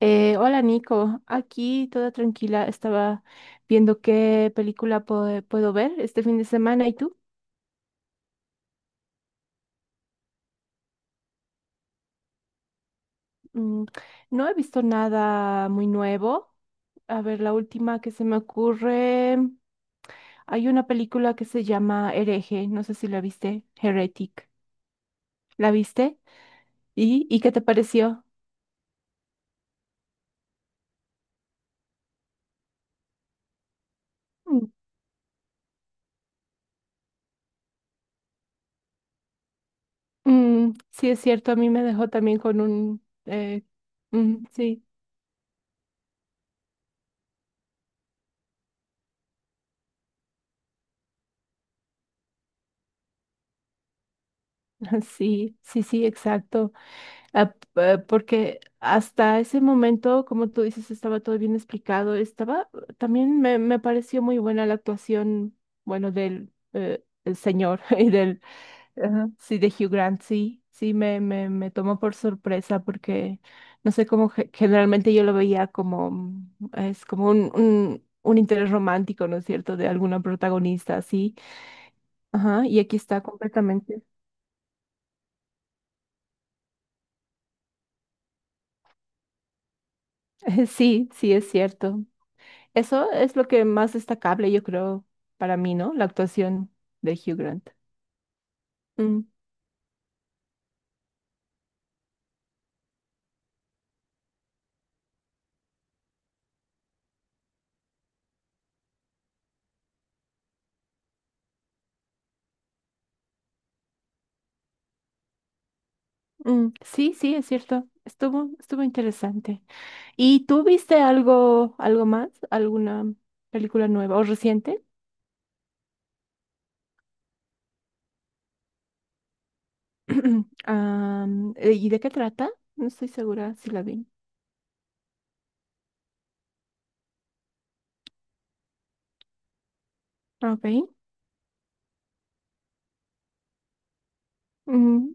Hola Nico, aquí toda tranquila, estaba viendo qué película puedo ver este fin de semana. ¿Y tú? Mm, no he visto nada muy nuevo. A ver, la última que se me ocurre, hay una película que se llama Hereje, no sé si la viste, Heretic. ¿La viste? ¿Y qué te pareció? Mm, sí, es cierto, a mí me dejó también con un... mm, sí, sí, sí, sí, exacto. Porque hasta ese momento, como tú dices, estaba todo bien explicado. Estaba, también me pareció muy buena la actuación, bueno, del el señor y del, ajá, sí, de Hugh Grant, sí, sí, me tomó por sorpresa porque, no sé, cómo generalmente yo lo veía como, es como un interés romántico, ¿no es cierto?, de alguna protagonista, así. Ajá, y aquí está completamente. Sí, sí, es cierto. Eso es lo que más destacable, yo creo, para mí, ¿no? La actuación de Hugh Grant. Mm, Sí, sí, es cierto. Estuvo, estuvo interesante. ¿Y tú viste algo, algo más? ¿Alguna película nueva o reciente? ¿Y de qué trata? No estoy segura si la vi. Ah, ok. Mm,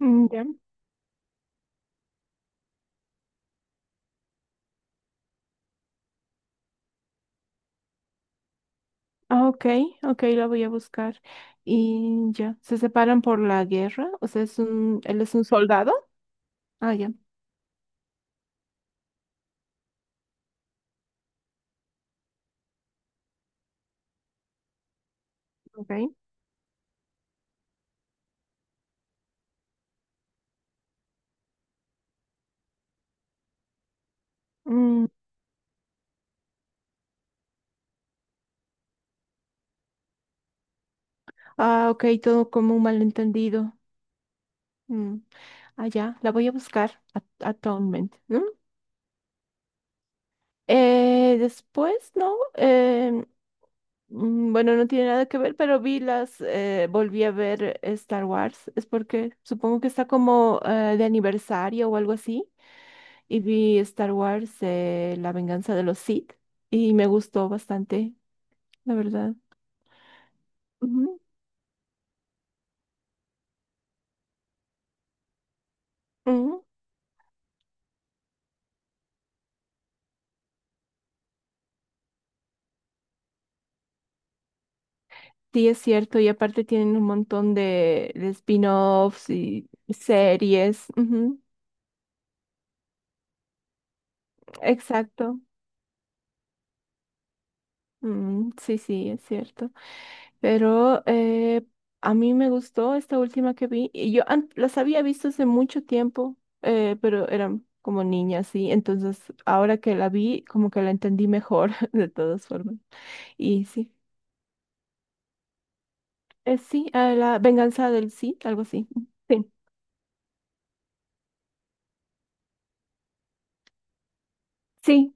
ya. Ah, ok, ok, la voy a buscar. Y ya, ¿se separan por la guerra? O sea, es un, él es un soldado. Ah, ya, ok. Mm, ah, ok, todo como un malentendido. Mm. Ah, ya, la voy a buscar actualmente, ¿no? Después, ¿no? Bueno, no tiene nada que ver, pero vi las, volví a ver Star Wars. Es porque supongo que está como de aniversario o algo así. Y vi Star Wars, La venganza de los Sith. Y me gustó bastante, la verdad. Ujú, ujú. Sí, es cierto, y aparte tienen un montón de spin-offs y series. Ujú, exacto. Mm, sí, sí, es cierto. Pero a mí me gustó esta última que vi. Y yo las había visto hace mucho tiempo, pero eran como niñas, sí. Entonces, ahora que la vi, como que la entendí mejor, de todas formas. Y sí, sí, a la venganza del sí, algo así. Sí, sí.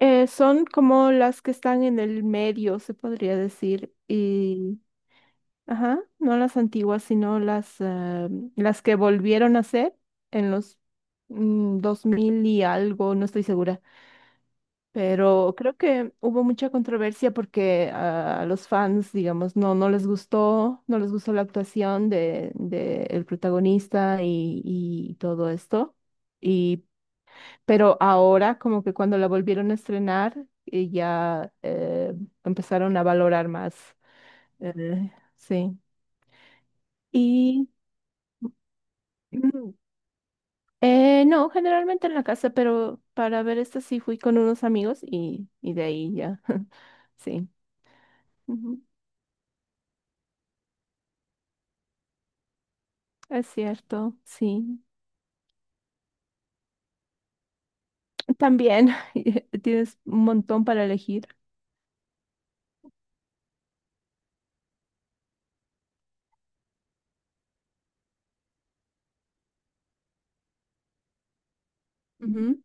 Son como las que están en el medio, se podría decir, y, ajá, no las antiguas, sino las, ah, las que volvieron a ser en los 2000 y algo, no estoy segura, pero creo que hubo mucha controversia porque ah, a los fans, digamos, no, no les gustó, no les gustó la actuación de el protagonista y todo esto. Y pero ahora, como que cuando la volvieron a estrenar, empezaron a valorar más. Eh, sí. Y mm, no, generalmente en la casa, pero para ver esta sí fui con unos amigos y de ahí ya. Sí. Ujú, es cierto, sí. También tienes un montón para elegir. Ujú.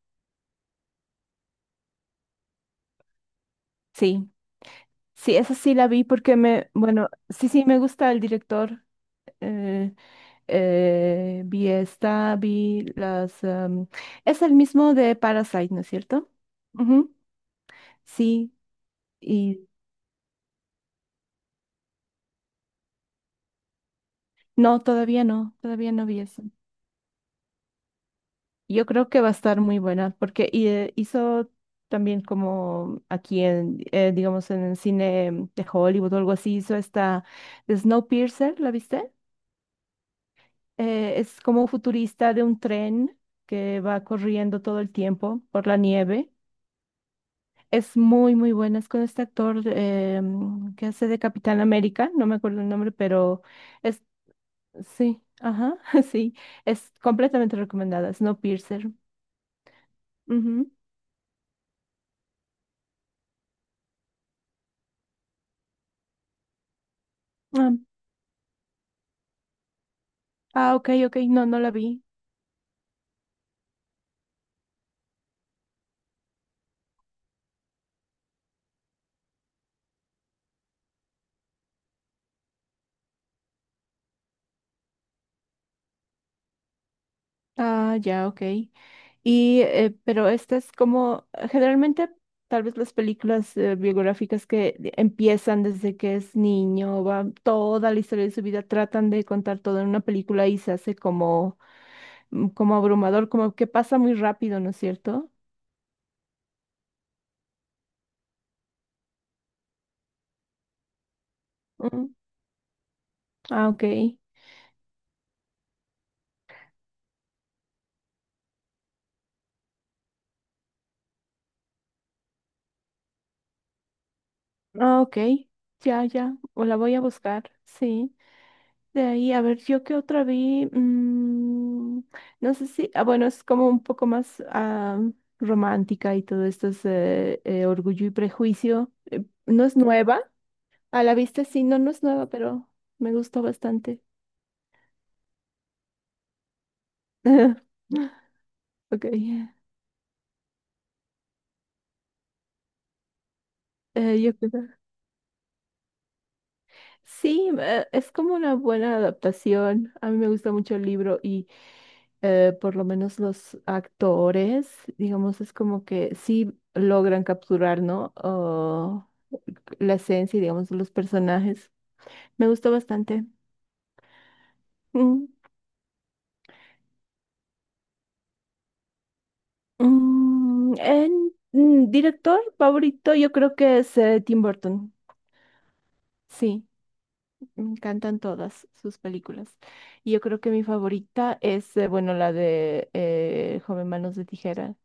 Sí, sí, esa sí la vi porque me, bueno, sí, sí, me gusta el director. eh, vi esta, vi las... em, es el mismo de Parasite, ¿no es cierto? Ujú, sí, y no, todavía no, todavía no vi eso. Yo creo que va a estar muy buena porque hizo también como aquí en, digamos, en el cine de Hollywood o algo así, hizo esta de Snowpiercer, ¿la viste? Es como futurista de un tren que va corriendo todo el tiempo por la nieve. Es muy, muy buena. Es con este actor que hace de Capitán América, no me acuerdo el nombre, pero es, sí, ajá, sí, es completamente recomendada. Snowpiercer. Ujú. Ah, ah, ok, ok, no, no la vi. Ah, ya, ok. Y, pero esta es como, generalmente, tal vez las películas biográficas que empiezan desde que es niño, va toda la historia de su vida, tratan de contar todo en una película y se hace como como abrumador, como que pasa muy rápido, ¿no es cierto? Mm, ah, ok. Ah, ok. Ya, ya. O la voy a buscar, sí. De ahí, a ver, yo qué otra vi. Mm, no sé si, ah, bueno, es como un poco más ah, romántica y todo esto es Orgullo y Prejuicio. No es nueva, a la vista sí, no, no es nueva, pero me gustó bastante. Ok. Yo creo. Sí, es como una buena adaptación. A mí me gusta mucho el libro y por lo menos los actores, digamos, es como que sí logran capturar, ¿no? Oh, la esencia, y, digamos, de los personajes. Me gustó bastante. Mm, director favorito, yo creo que es Tim Burton. Sí, me encantan todas sus películas. Y yo creo que mi favorita es, bueno, la de Joven Manos de Tijera.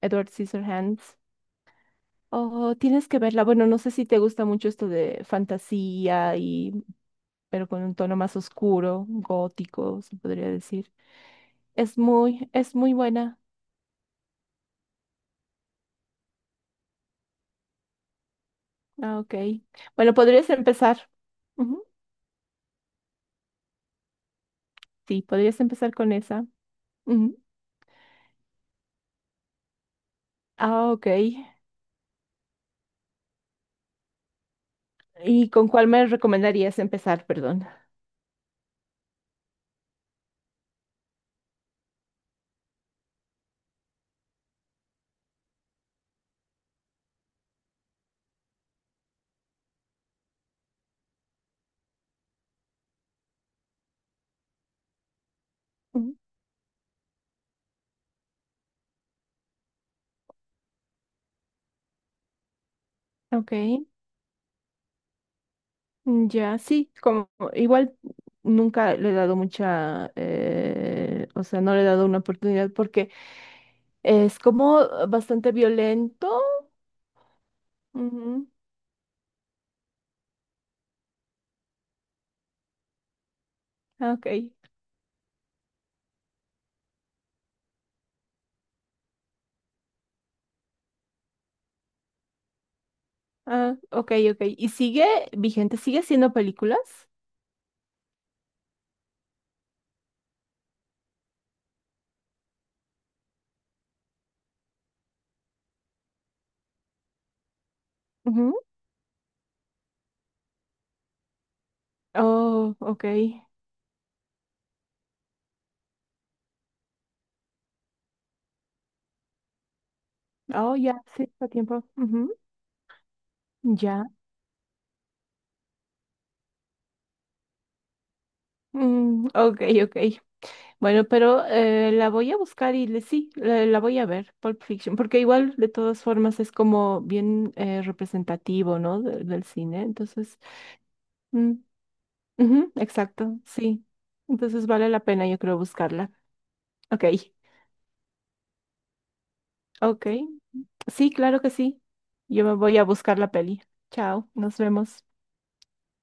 Edward Scissorhands. Oh, tienes que verla. Bueno, no sé si te gusta mucho esto de fantasía y, pero con un tono más oscuro, gótico, se podría decir. Es muy buena. Ah, ok. Bueno, podrías empezar. Ujú, sí, podrías empezar con esa. Ujú. Ah, ok. ¿Y con cuál me recomendarías empezar? Perdón. Ujú, ok. Mm, ya, sí, como igual nunca le he dado mucha, o sea, no le he dado una oportunidad porque es como bastante violento. Ujú, ah, ok, ah, ok, ok. ¿Y sigue vigente? ¿Sigue haciendo películas? Ujú. Oh, ok. Oh, ya, sí, está a tiempo. Ujú, ya. Mm, ok, ok. Bueno, pero la voy a buscar y le, sí, la voy a ver, Pulp Fiction, porque igual de todas formas es como bien representativo, ¿no? Del cine. Entonces, mm, ujú, exacto, sí. Entonces vale la pena, yo creo, buscarla. Ok, ok. Sí, claro que sí. Yo me voy a buscar la peli. Chao, nos vemos.